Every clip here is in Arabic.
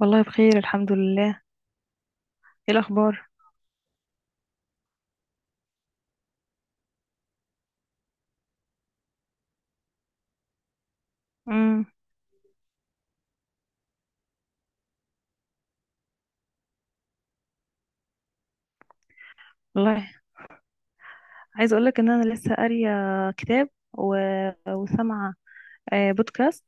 والله بخير، الحمد لله. ايه الاخبار؟ امم. والله، عايزه اقول لك ان انا لسه قاريه كتاب وسامعه بودكاست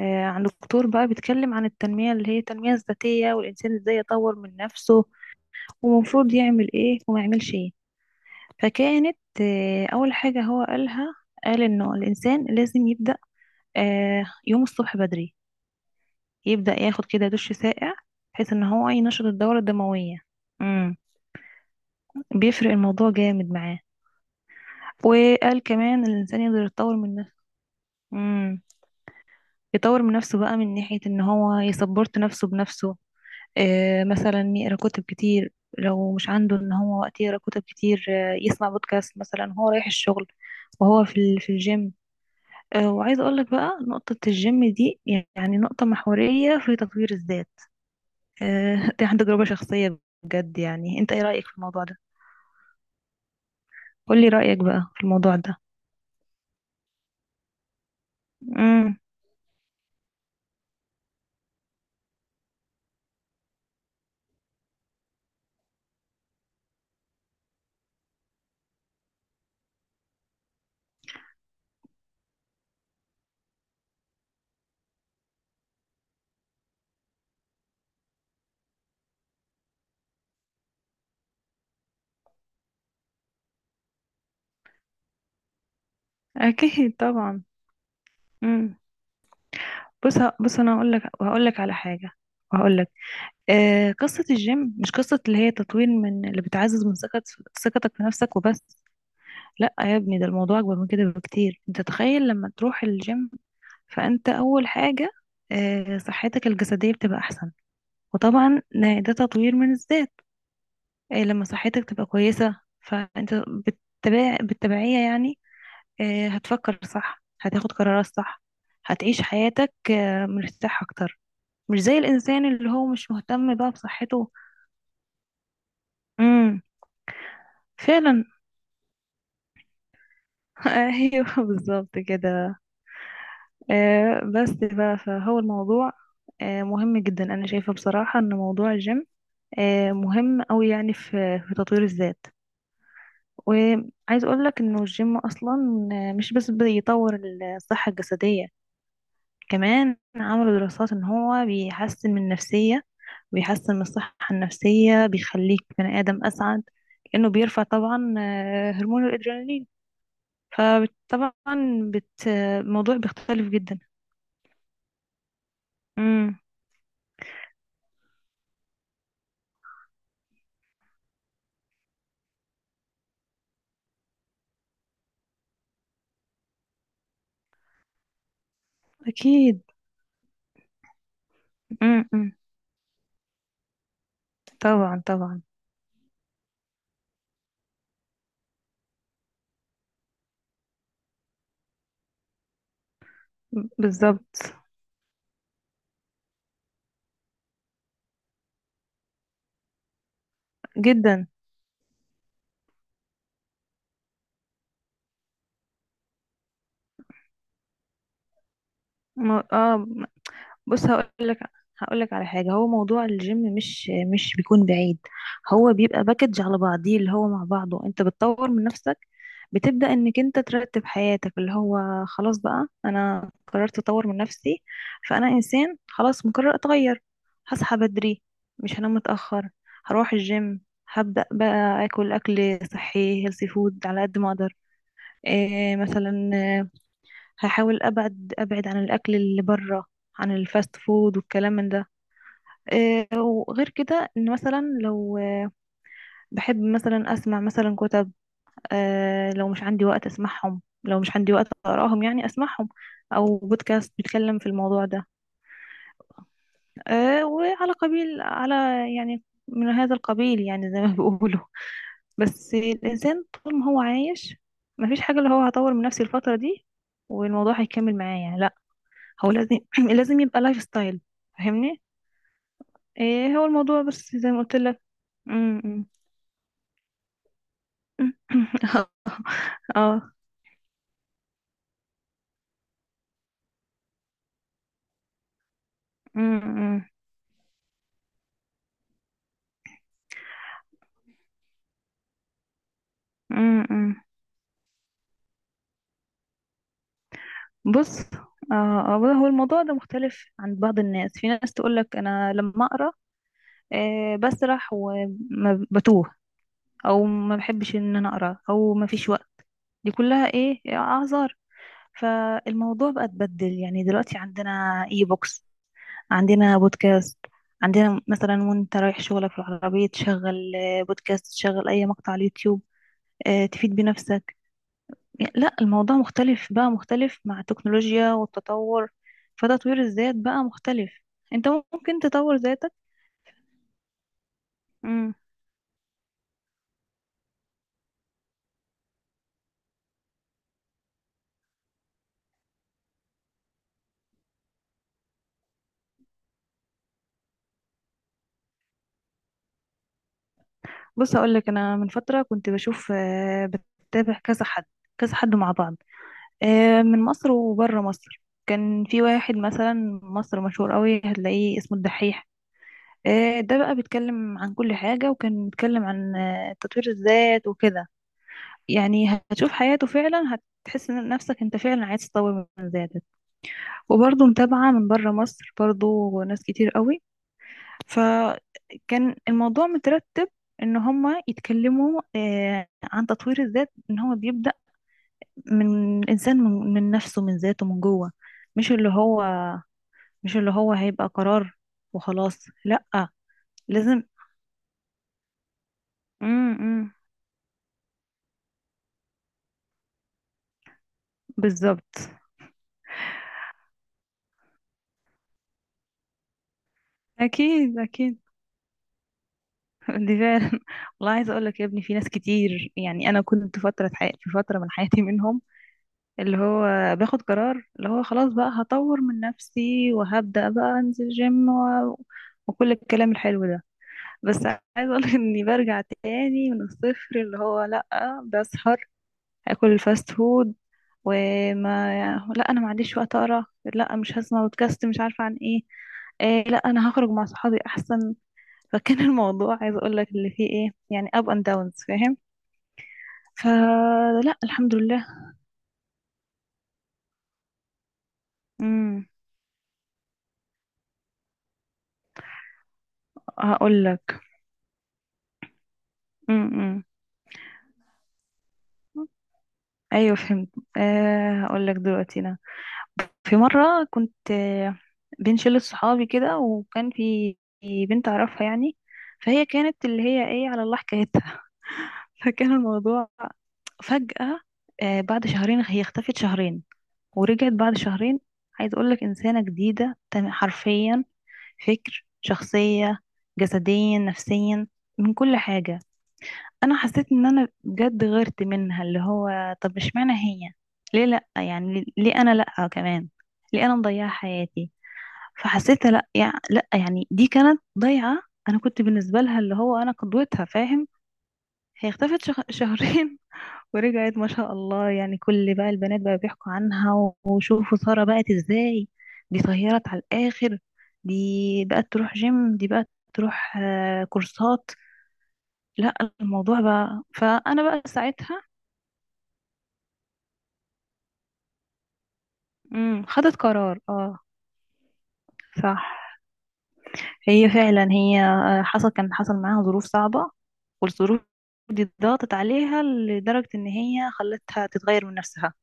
عن دكتور بقى بيتكلم عن التنميه، اللي هي التنميه الذاتيه، والانسان ازاي يطور من نفسه، ومفروض يعمل ايه وما يعملش ايه. فكانت اول حاجه هو قالها، قال انه الانسان لازم يبدا يوم الصبح بدري، يبدا ياخد كده دش ساقع بحيث ان هو ينشط الدوره الدمويه. بيفرق الموضوع جامد معاه. وقال كمان إن الانسان يقدر يتطور من نفسه، امم يطور من نفسه بقى من ناحية ان هو يسبورت نفسه بنفسه. مثلا يقرا كتب كتير، لو مش عنده ان هو وقت يقرا كتب كتير يسمع بودكاست مثلا، هو رايح الشغل وهو في الجيم. وعايزه اقول لك بقى نقطة الجيم دي يعني نقطة محورية في تطوير الذات. دي عندي تجربة شخصية بجد. يعني انت ايه رأيك في الموضوع ده؟ قولي رأيك بقى في الموضوع ده. امم. اكيد طبعا. امم بص، انا هقول لك على حاجه. هقول لك آه قصه الجيم مش قصه اللي هي تطوير من، اللي بتعزز من ثقتك في نفسك وبس. لا يا ابني، ده الموضوع اكبر من كده بكتير. انت تخيل لما تروح الجيم، فانت اول حاجه صحتك الجسديه بتبقى احسن، وطبعا ده تطوير من الذات. لما صحتك تبقى كويسه، فانت بالتبعيه يعني هتفكر صح، هتاخد قرارات صح، هتعيش حياتك مرتاح اكتر، مش زي الانسان اللي هو مش مهتم بقى بصحته. امم، فعلا. ايوه، بالظبط كده. بس بقى، فهو الموضوع مهم جدا. انا شايفه بصراحه ان موضوع الجيم مهم أوي يعني في تطوير الذات. وعايز اقول لك انه الجيم اصلا مش بس بيطور الصحه الجسديه، كمان عملوا دراسات ان هو بيحسن من النفسيه، بيحسن من الصحة النفسية، بيخليك بني آدم أسعد، لأنه بيرفع طبعا هرمون الأدرينالين. فطبعا بت... آه، الموضوع بيختلف جدا. امم. أكيد. امم. طبعا طبعا. بالظبط. جدا. م- اه بص هقول لك على حاجه. هو موضوع الجيم مش بيكون بعيد، هو بيبقى باكج على بعضيه، اللي هو مع بعضه انت بتطور من نفسك. بتبدا انك انت ترتب حياتك، اللي هو خلاص بقى انا قررت اطور من نفسي. فانا انسان خلاص مقرر اتغير: هصحى بدري، مش هنام متاخر، هروح الجيم، هبدا بقى اكل صحي، هيلثي فود على قد ما اقدر. إيه مثلا؟ هحاول ابعد عن الاكل اللي بره، عن الفاست فود والكلام من ده. إيه وغير كده، ان مثلا لو بحب مثلا اسمع مثلا كتب. إيه لو مش عندي وقت اسمعهم، لو مش عندي وقت اقراهم يعني اسمعهم، او بودكاست بيتكلم في الموضوع ده. إيه وعلى قبيل على يعني من هذا القبيل، يعني زي ما بيقولوا. بس الانسان طول ما هو عايش، مفيش حاجه اللي هو هطور من نفسي الفتره دي والموضوع هيكمل معايا. هو لازم لازم يبقى لايف ستايل. فاهمني؟ ايه هو الموضوع بس زي ما قلت لك. أمم. اه. أمم. أمم. بص. اه هو الموضوع ده مختلف عند بعض الناس. في ناس تقول لك انا لما اقرا إيه بسرح وبتوه، او ما بحبش ان انا اقرا، او ما فيش وقت. دي كلها ايه، اعذار. فالموضوع بقى اتبدل، يعني دلوقتي عندنا اي بوكس، عندنا بودكاست، عندنا مثلا وانت رايح شغلك في العربية تشغل بودكاست، تشغل اي مقطع على اليوتيوب تفيد بنفسك. يعني لا، الموضوع مختلف بقى، مختلف مع التكنولوجيا والتطور. فتطوير الذات بقى مختلف، انت ممكن تطور ذاتك. مم. بص اقول لك، انا من فترة كنت بشوف آه، بتابع كذا حد، كذا حد مع بعض من مصر وبره مصر. كان في واحد مثلا مصر مشهور قوي، هتلاقيه اسمه الدحيح. ده بقى بيتكلم عن كل حاجة، وكان بيتكلم عن تطوير الذات وكده. يعني هتشوف حياته فعلا، هتحس إن نفسك انت فعلا عايز تطور من ذاتك. وبرضه متابعة من بره مصر، برضه ناس كتير قوي. فكان الموضوع مترتب ان هما يتكلموا عن تطوير الذات ان هو بيبدأ من الانسان، من نفسه، من ذاته، من جوه. مش اللي هو مش اللي هو هيبقى قرار وخلاص، لأ، لازم. امم، بالظبط. اكيد اكيد. دي فعلا. والله عايزه اقول لك يا ابني، في ناس كتير، يعني انا كنت في فتره من حياتي منهم، اللي هو باخد قرار اللي هو خلاص بقى هطور من نفسي وهبدا بقى انزل جيم و... وكل الكلام الحلو ده. بس عايزه اقول لك اني برجع تاني من الصفر، اللي هو لا، بسهر، هاكل الفاست فود وما لا، انا ما عنديش وقت اقرا، لا مش هسمع بودكاست مش عارفه عن ايه، إيه لا انا هخرج مع صحابي احسن. فكان الموضوع، عايزه اقول لك اللي فيه ايه يعني، اب اند داونز، فاهم؟ فلا، الحمد لله. امم. هقول لك. امم. ايوه فهمت. أه هقول لك دلوقتي. انا في مره كنت بين شله صحابي كده، وكان في بنت اعرفها يعني. فهي كانت اللي هي ايه، على الله حكايتها. فكان الموضوع فجأة بعد شهرين هي اختفت شهرين، ورجعت بعد شهرين. عايز اقول لك انسانه جديده، حرفيا، فكر، شخصية، جسديا، نفسيا، من كل حاجة. انا حسيت ان انا بجد غيرت منها، اللي هو طب اشمعنى هي، ليه لا يعني، ليه انا لا كمان؟ ليه انا مضيعة حياتي؟ فحسيت لا يعني، دي كانت ضيعة. انا كنت بالنسبة لها اللي هو انا قدوتها، فاهم. هي اختفت شهرين، ورجعت ما شاء الله. يعني كل بقى البنات بقى بيحكوا عنها وشوفوا سارة بقت ازاي، دي طيرت على الآخر، دي بقت تروح جيم، دي بقت تروح كورسات، لا. الموضوع بقى، فأنا بقى ساعتها. امم، خدت قرار، اه، صح. هي فعلا، هي حصل، كان حصل معاها ظروف صعبة، والظروف دي ضغطت عليها لدرجة ان هي خلتها تتغير من نفسها.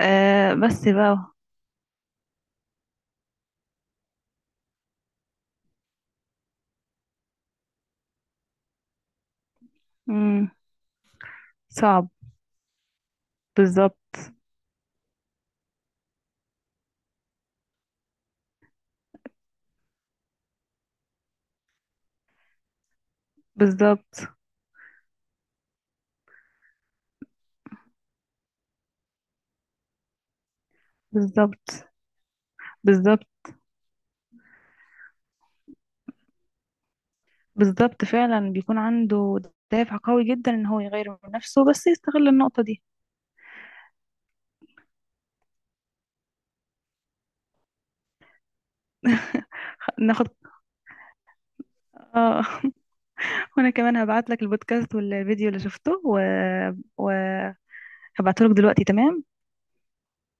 بس بقى. امم. صعب. بالظبط. بالظبط. بالظبط. بالظبط. بالظبط، فعلا بيكون عنده دافع قوي جدا ان هو يغير من نفسه، بس يستغل النقطة دي. ناخد. اه. وانا كمان هبعت لك البودكاست والفيديو اللي شفته و... وهبعته لك دلوقتي. تمام.